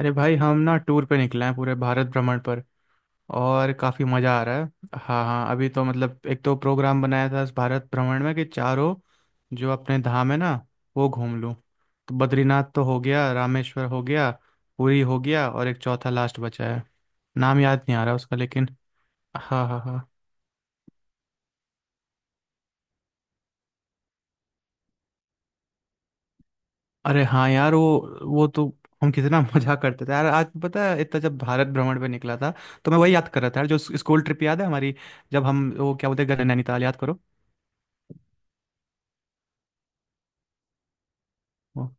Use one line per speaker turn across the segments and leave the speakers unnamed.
अरे भाई हम ना टूर पे निकले हैं पूरे भारत भ्रमण पर, और काफ़ी मज़ा आ रहा है। हाँ हाँ, अभी तो मतलब एक तो प्रोग्राम बनाया था इस भारत भ्रमण में कि चारों जो अपने धाम है ना वो घूम लूँ। तो बद्रीनाथ तो हो गया, रामेश्वर हो गया, पुरी हो गया, और एक चौथा लास्ट बचा है, नाम याद नहीं आ रहा उसका लेकिन। हाँ हाँ हाँ। अरे हाँ यार, वो तो। हम कितना मजा करते थे यार। आज पता है इतना, जब भारत भ्रमण पे निकला था तो मैं वही याद कर रहा था यार, जो स्कूल ट्रिप याद है हमारी। जब हम, वो क्या बोलते हैं, गए नैनीताल, याद करो। वो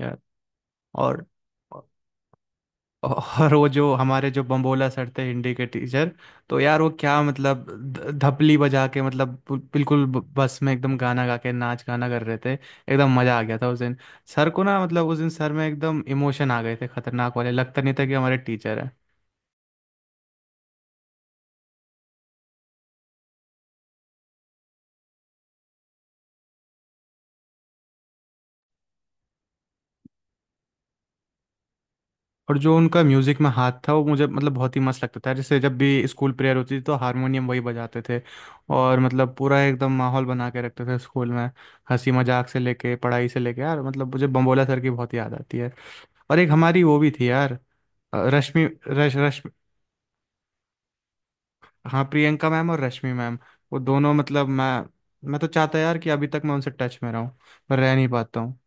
यार। और और वो जो बम्बोला सर थे, हिंदी के टीचर। तो यार वो क्या मतलब, धपली बजा के, मतलब बिल्कुल बस में एकदम गाना गा के नाच गाना कर रहे थे, एकदम मजा आ गया था उस दिन। सर को ना मतलब उस दिन सर में एकदम इमोशन आ गए थे, खतरनाक वाले, लगता नहीं था कि हमारे टीचर है। और जो उनका म्यूजिक में हाथ था वो मुझे मतलब बहुत ही मस्त लगता था। जैसे जब भी स्कूल प्रेयर होती थी तो हारमोनियम वही बजाते थे। और मतलब पूरा एकदम माहौल बना के रखते थे स्कूल में, हंसी मजाक से लेके पढ़ाई से लेके, यार मतलब मुझे बम्बोला सर की बहुत याद आती है। और एक हमारी वो भी थी यार, रश्मि। हाँ, प्रियंका मैम और रश्मि मैम। वो दोनों मतलब, मैं तो चाहता यार कि अभी तक मैं उनसे टच में रहूं, पर रह नहीं पाता हूँ।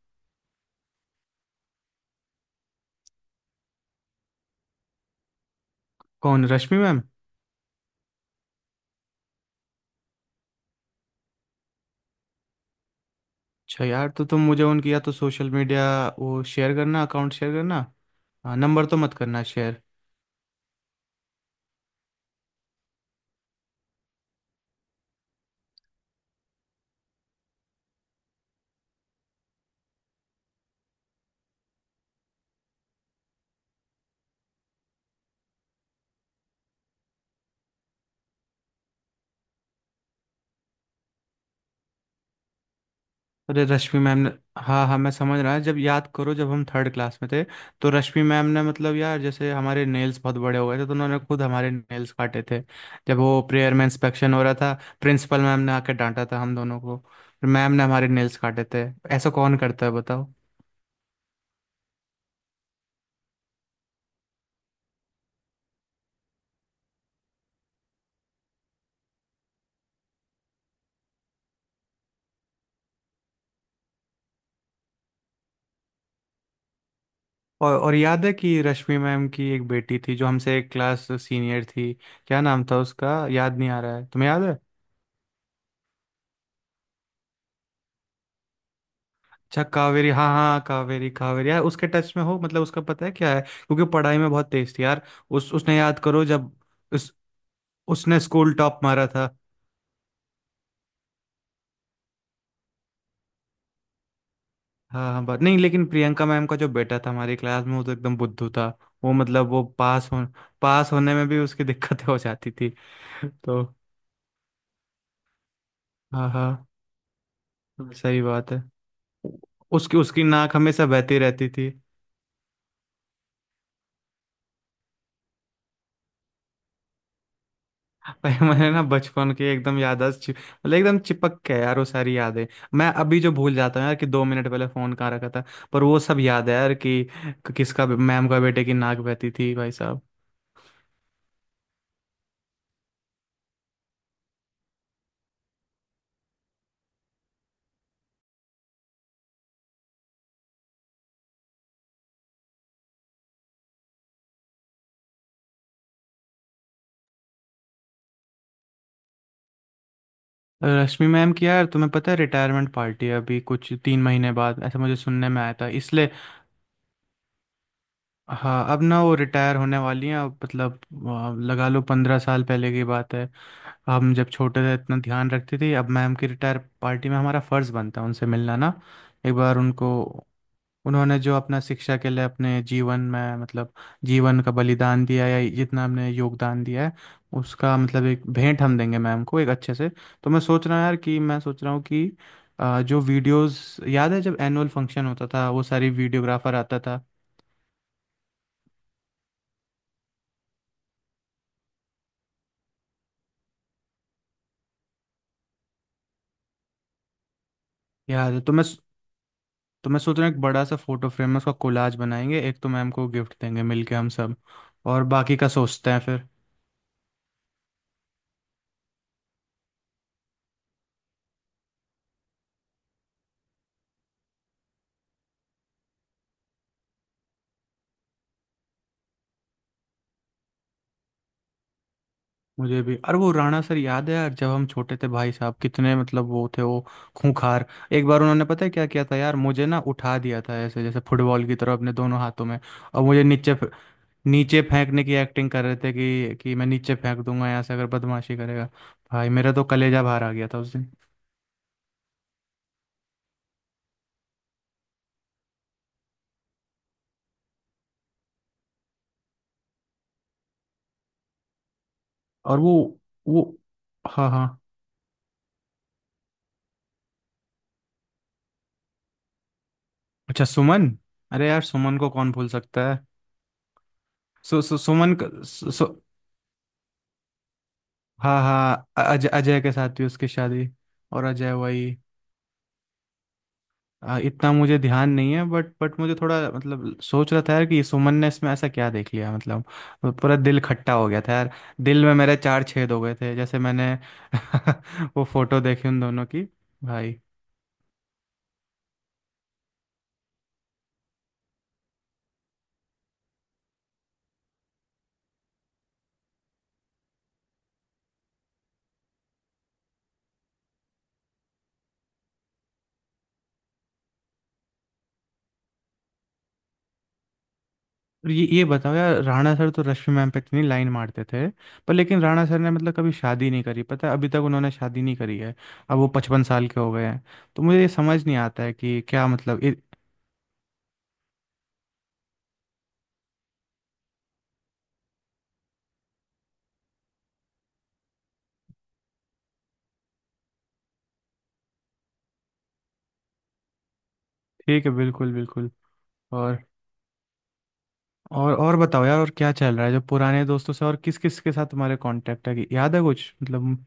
कौन, रश्मि मैम? अच्छा यार, तो तुम मुझे उनकी या तो सोशल मीडिया वो शेयर करना, अकाउंट शेयर करना, हाँ नंबर तो मत करना शेयर। अरे रश्मि मैम ने। हाँ हाँ, मैं समझ रहा है, जब याद करो जब हम थर्ड क्लास में थे, तो रश्मि मैम ने मतलब यार, जैसे हमारे नेल्स बहुत बड़े हो गए थे, तो उन्होंने खुद हमारे नेल्स काटे थे, जब वो प्रेयर में इंस्पेक्शन हो रहा था। प्रिंसिपल मैम ने आके डांटा था हम दोनों को, फिर मैम ने हमारे नेल्स काटे थे। ऐसा कौन करता है, बताओ। और याद है कि रश्मि मैम की एक बेटी थी जो हमसे एक क्लास सीनियर थी? क्या नाम था उसका, याद नहीं आ रहा है, तुम्हें याद है? अच्छा कावेरी, हाँ हाँ, कावेरी कावेरी यार, उसके टच में हो? मतलब उसका पता है क्या है? क्योंकि पढ़ाई में बहुत तेज थी यार। उस उसने याद करो, जब उस उसने स्कूल टॉप मारा था। हाँ हाँ, बात नहीं, लेकिन प्रियंका मैम का जो बेटा था हमारी क्लास में वो तो एकदम बुद्धू था। वो मतलब वो पास हो, पास होने में भी उसकी दिक्कतें हो जाती थी। तो हाँ हाँ, सही बात है। उसकी उसकी नाक हमेशा बहती रहती थी। पर मैंने ना बचपन के एकदम याददाश्त, मतलब एकदम चिपक के यार वो सारी यादें। मैं अभी जो भूल जाता हूँ यार कि 2 मिनट पहले फोन कहाँ रखा था, पर वो सब याद है यार कि किसका मैम का बेटे की नाक बहती थी, भाई साहब। रश्मि मैम की यार तुम्हें पता है रिटायरमेंट पार्टी है अभी कुछ 3 महीने बाद, ऐसा मुझे सुनने में आया था इसलिए। हाँ, अब ना वो रिटायर होने वाली हैं अब मतलब, लगा लो 15 साल पहले की बात है, हम जब छोटे थे इतना ध्यान रखती थी, अब मैम की रिटायर पार्टी में हमारा फर्ज बनता है उनसे मिलना ना। एक बार उनको, उन्होंने जो अपना शिक्षा के लिए अपने जीवन में मतलब जीवन का बलिदान दिया है, या जितना हमने योगदान दिया है, उसका मतलब एक भेंट हम देंगे मैम को एक अच्छे से। तो मैं सोच रहा हूँ यार, कि मैं सोच रहा हूँ कि जो वीडियोस याद है जब एनुअल फंक्शन होता था, वो सारी वीडियोग्राफर आता था। याद है? तो मैं सोच रहा हूँ, एक बड़ा सा फोटो फ्रेम में उसका कोलाज बनाएंगे, एक तो मैम को गिफ्ट देंगे मिलके हम सब। और बाकी का सोचते हैं फिर। मुझे भी। अरे वो राणा सर याद है यार, जब हम छोटे थे भाई साहब कितने मतलब वो थे वो खूंखार। एक बार उन्होंने पता है क्या किया था यार, मुझे ना उठा दिया था ऐसे जैसे फुटबॉल की तरह अपने दोनों हाथों में, और मुझे नीचे नीचे फेंकने की एक्टिंग कर रहे थे कि मैं नीचे फेंक दूंगा यहाँ से अगर बदमाशी करेगा। भाई मेरा तो कलेजा बाहर आ गया था उस दिन। और वो। हाँ हाँ, अच्छा सुमन। अरे यार सुमन को कौन भूल सकता है। सु, सु, सुमन क- सु, सु, हाँ हाँ, अजय अजय के साथ हुई उसकी शादी। और अजय वही। इतना मुझे ध्यान नहीं है, बट मुझे थोड़ा मतलब सोच रहा था यार, कि सुमन ने इसमें ऐसा क्या देख लिया मतलब। पूरा दिल खट्टा हो गया था यार। दिल में मेरे चार छेद हो गए थे जैसे, मैंने वो फोटो देखी उन दोनों की, भाई। और ये बताओ यार, राणा सर तो रश्मि मैम पे इतनी लाइन मारते थे, पर लेकिन राणा सर ने मतलब कभी शादी नहीं करी, पता है अभी तक उन्होंने शादी नहीं करी है। अब वो 55 साल के हो गए हैं। तो मुझे ये समझ नहीं आता है कि क्या मतलब ठीक है, बिल्कुल बिल्कुल। और और बताओ यार, और क्या चल रहा है, जो पुराने दोस्तों से और किस किस के साथ तुम्हारे कांटेक्ट है, कि याद है कुछ मतलब।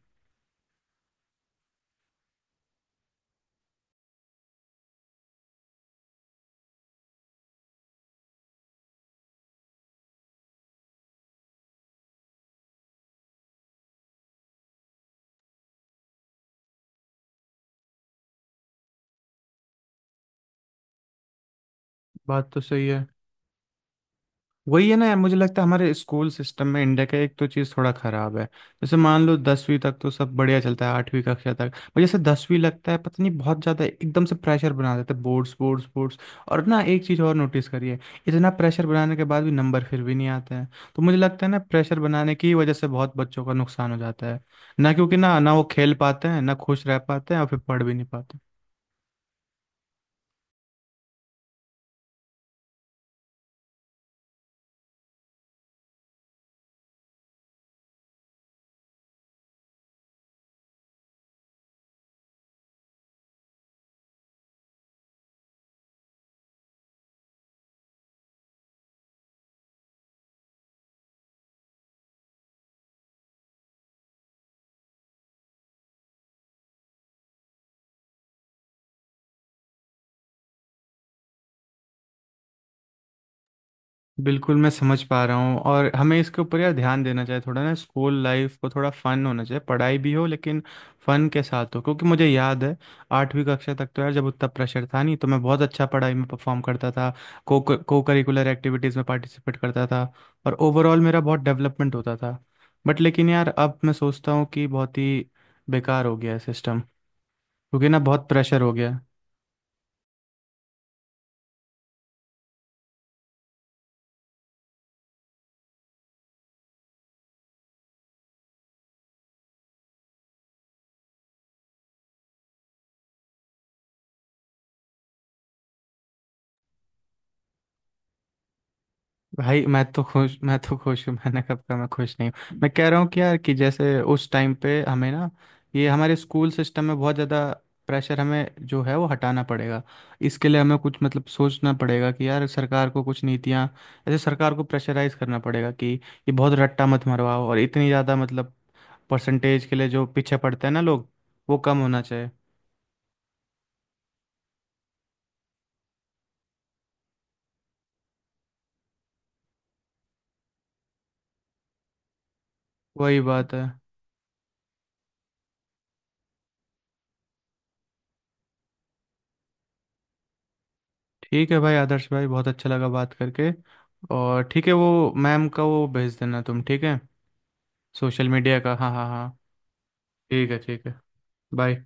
बात तो सही है। वही है ना यार, मुझे लगता है हमारे स्कूल सिस्टम में इंडिया का एक तो चीज़ थोड़ा खराब है। जैसे मान लो 10वीं तक तो सब बढ़िया चलता है, आठवीं कक्षा तक, पर जैसे 10वीं लगता है पता नहीं बहुत ज़्यादा एकदम से प्रेशर बना देते हैं, बोर्ड्स बोर्ड्स बोर्ड्स। और ना, एक चीज़ और नोटिस करिए, इतना प्रेशर बनाने के बाद भी नंबर फिर भी नहीं आते हैं। तो मुझे लगता है ना, प्रेशर बनाने की वजह से बहुत बच्चों का नुकसान हो जाता है ना, क्योंकि ना ना वो खेल पाते हैं ना खुश रह पाते हैं और फिर पढ़ भी नहीं पाते। बिल्कुल मैं समझ पा रहा हूँ, और हमें इसके ऊपर यार ध्यान देना चाहिए थोड़ा ना, स्कूल लाइफ को थोड़ा फन होना चाहिए, पढ़ाई भी हो लेकिन फन के साथ हो, क्योंकि मुझे याद है आठवीं कक्षा तक तो यार जब उतना प्रेशर था नहीं, तो मैं बहुत अच्छा पढ़ाई में परफॉर्म करता था, को को करिकुलर एक्टिविटीज़ में पार्टिसिपेट करता था, और ओवरऑल मेरा बहुत डेवलपमेंट होता था। बट लेकिन यार अब मैं सोचता हूँ कि बहुत ही बेकार हो गया है सिस्टम, क्योंकि ना बहुत प्रेशर हो गया है। भाई, मैं तो खुश हूँ, मैंने कब कहा मैं खुश नहीं हूँ? मैं कह रहा हूँ कि यार, कि जैसे उस टाइम पे हमें ना, ये हमारे स्कूल सिस्टम में बहुत ज़्यादा प्रेशर हमें जो है वो हटाना पड़ेगा। इसके लिए हमें कुछ मतलब सोचना पड़ेगा कि यार, सरकार को कुछ नीतियाँ, ऐसे सरकार को प्रेशराइज करना पड़ेगा कि ये बहुत रट्टा मत मरवाओ, और इतनी ज़्यादा मतलब परसेंटेज के लिए जो पीछे पड़ते हैं ना लोग, वो कम होना चाहिए। वही बात है। ठीक है भाई, आदर्श भाई बहुत अच्छा लगा बात करके, और ठीक है वो मैम का वो भेज देना तुम, ठीक है? सोशल मीडिया का, हाँ हाँ हाँ। ठीक है, ठीक है। बाय।